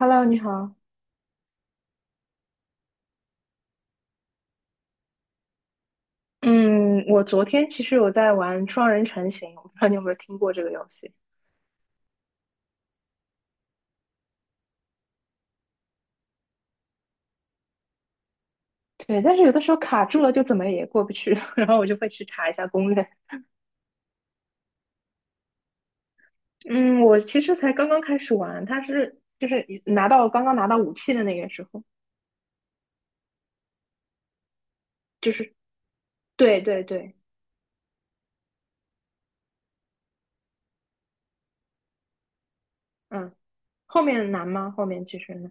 Hello，你好。嗯，我昨天其实有在玩双人成行，我不知道你有没有听过这个游戏。对，但是有的时候卡住了就怎么也过不去，然后我就会去查一下攻略。嗯，我其实才刚刚开始玩，它是就是一拿到刚刚拿到武器的那个时候，就是对对对。嗯，后面难吗？后面其实呢？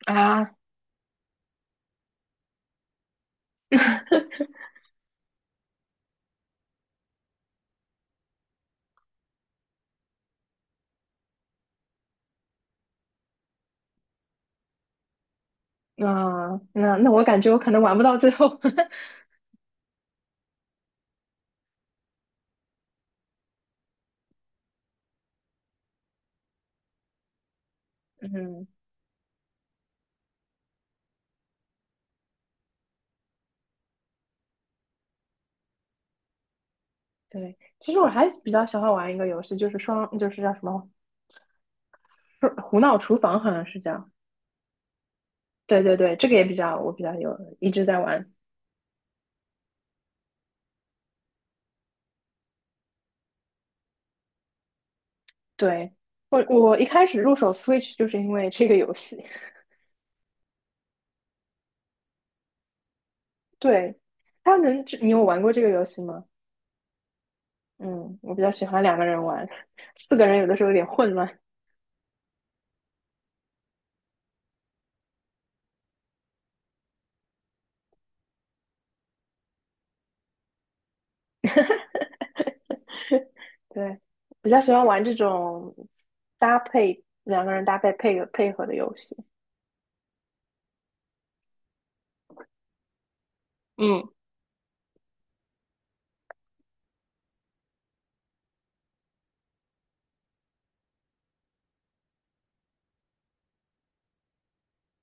啊，那我感觉我可能玩不到最后。嗯，对，其实我还比较喜欢玩一个游戏，就是双，就是叫什么？是胡闹厨房好像是叫，对对对，这个也比较我比较有一直在玩。对，我一开始入手 Switch 就是因为这个游戏。对，它能，这你有玩过这个游戏吗？嗯，我比较喜欢两个人玩，四个人有的时候有点混乱。对，比较喜欢玩这种搭配两个人配合配合的游戏。嗯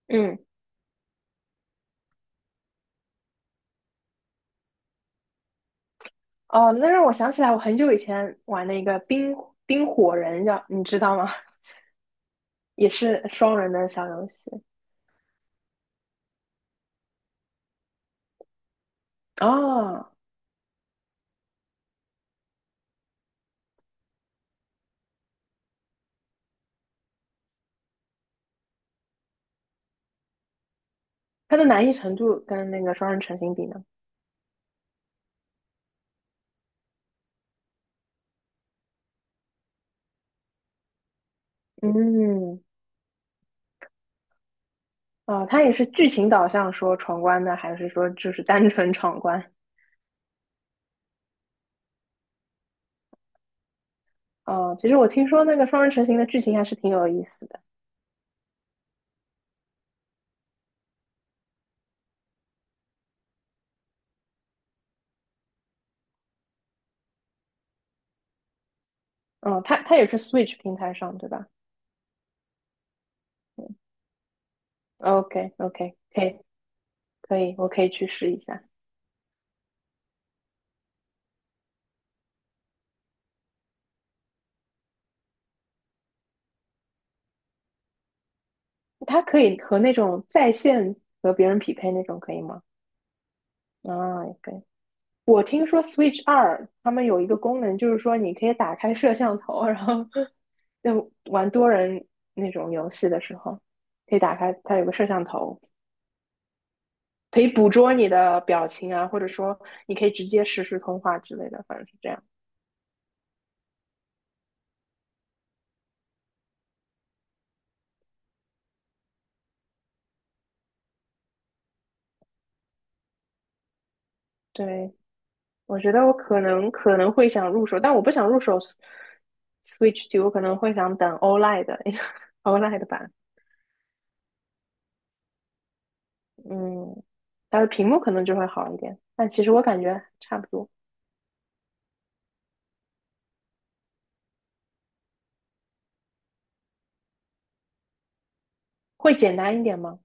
嗯。哦，那让我想起来，我很久以前玩的一个冰火人叫，你知道吗？也是双人的小游戏。哦，它的难易程度跟那个双人成型比呢？嗯。哦，它也是剧情导向说闯关的，还是说就是单纯闯关？哦，其实我听说那个双人成型的剧情还是挺有意思的。嗯，它它也是 Switch 平台上对吧？OK， OK，可以可以，我可以去试一下。它可以和那种在线和别人匹配那种可以吗？啊，也可以。我听说 Switch 二他们有一个功能，就是说你可以打开摄像头，然后就玩多人那种游戏的时候，可以打开它有个摄像头，可以捕捉你的表情啊，或者说你可以直接实时通话之类的，反正是这样。对，我觉得我可能会想入手，但我不想入手 Switch 二，我可能会想等 OLED 的 OLED 版。嗯，它的屏幕可能就会好一点，但其实我感觉差不多，会简单一点吗？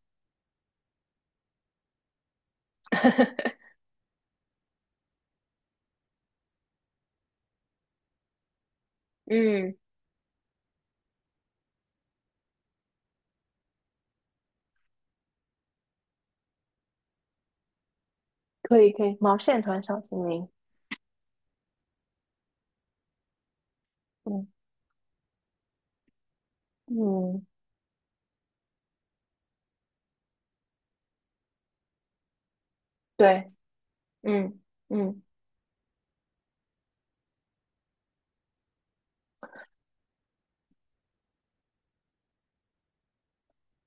嗯，可以可以，毛线团小精灵。嗯嗯，对，嗯嗯。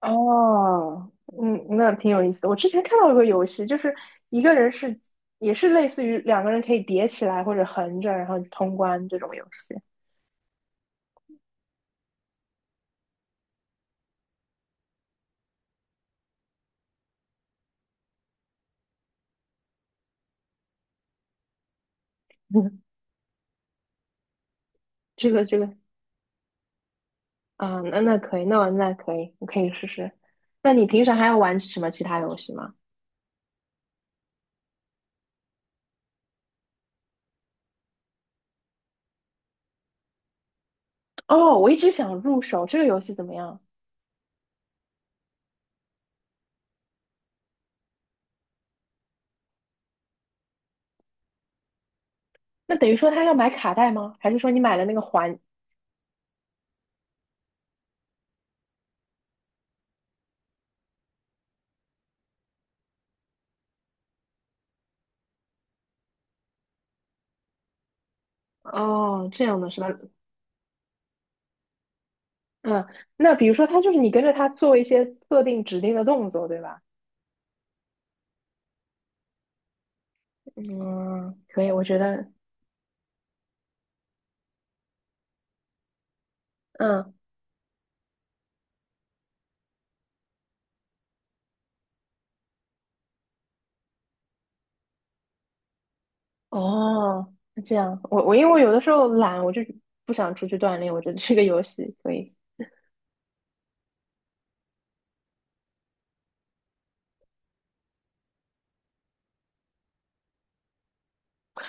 哦，嗯，那挺有意思的。我之前看到一个游戏，就是一个人是也是类似于两个人可以叠起来或者横着，然后通关这种游戏。嗯，这个啊，那我可以，我可以试试。那你平常还要玩什么其他游戏吗？哦，我一直想入手这个游戏怎么样？那等于说他要买卡带吗？还是说你买了那个环？哦，这样的是吧？嗯，那比如说他就是你跟着他做一些特定指定的动作，对吧？嗯，可以，我觉得。嗯。哦，那这样，我因为我有的时候懒，我就不想出去锻炼，我觉得这个游戏可以。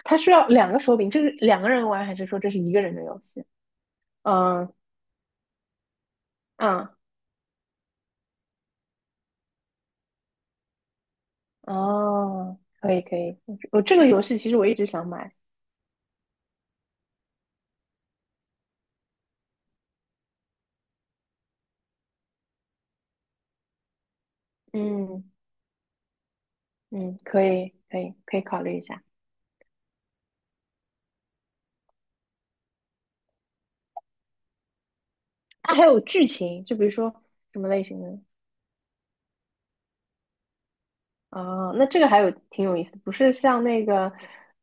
它需要两个手柄，这是两个人玩还是说这是一个人的游戏？嗯。嗯。哦，可以可以，我这个游戏其实我一直想买。嗯嗯，可以可以可以考虑一下。它还有剧情，就比如说什么类型的？啊，那这个还有挺有意思的，不是像那个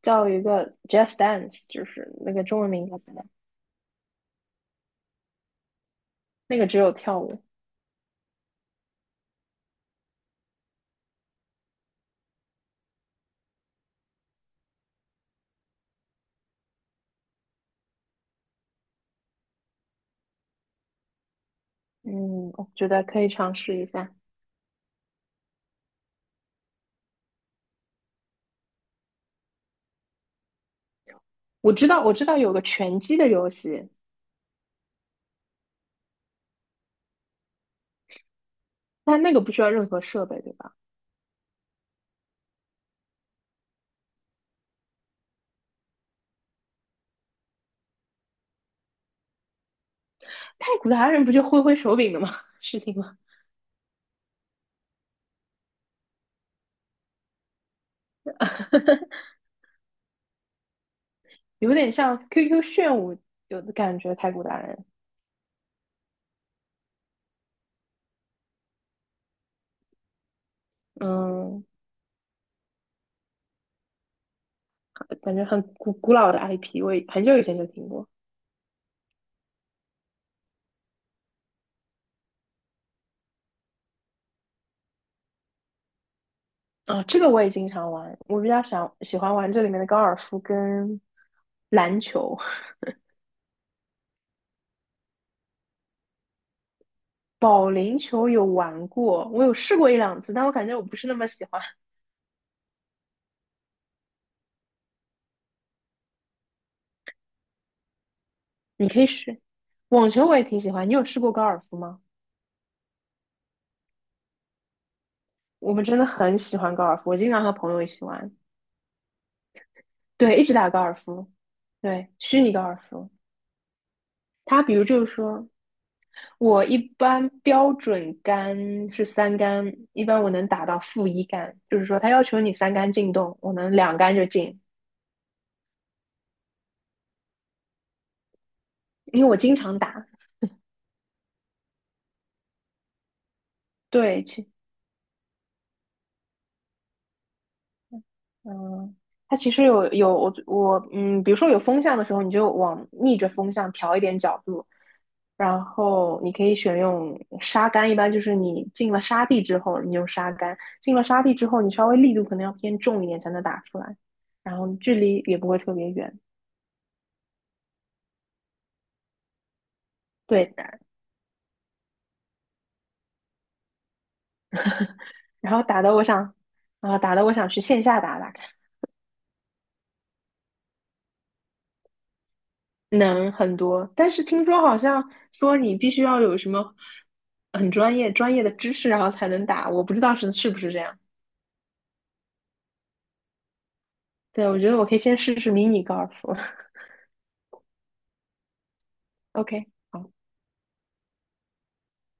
叫一个 Just Dance，就是那个中文名叫什么？那个只有跳舞。嗯，我觉得可以尝试一下。我知道，我知道有个拳击的游戏，但那个不需要任何设备，对吧？太古达人不就挥挥手柄的吗？事情吗？有点像 QQ 炫舞，有的感觉。太古达人。嗯，感觉很古老的 IP，我很久以前就听过。啊，这个我也经常玩，我比较想喜欢玩这里面的高尔夫跟篮球。保龄球有玩过，我有试过一两次，但我感觉我不是那么喜欢。你可以试，网球我也挺喜欢。你有试过高尔夫吗？我们真的很喜欢高尔夫，我经常和朋友一起玩，对，一直打高尔夫，对，虚拟高尔夫。它比如就是说，我一般标准杆是三杆，一般我能打到-1杆，就是说它要求你三杆进洞，我能2杆就进。因为我经常打。对，嗯，它其实有我，嗯，比如说有风向的时候，你就往逆着风向调一点角度，然后你可以选用沙杆，一般就是你进了沙地之后，你用沙杆；进了沙地之后，你稍微力度可能要偏重一点才能打出来，然后距离也不会特别远。对，然后打的我想，啊、打的我想去线下打打能很多，但是听说好像说你必须要有什么很专业的知识，然后才能打，我不知道是不是这样。对，我觉得我可以先试试迷你高尔夫。OK，好。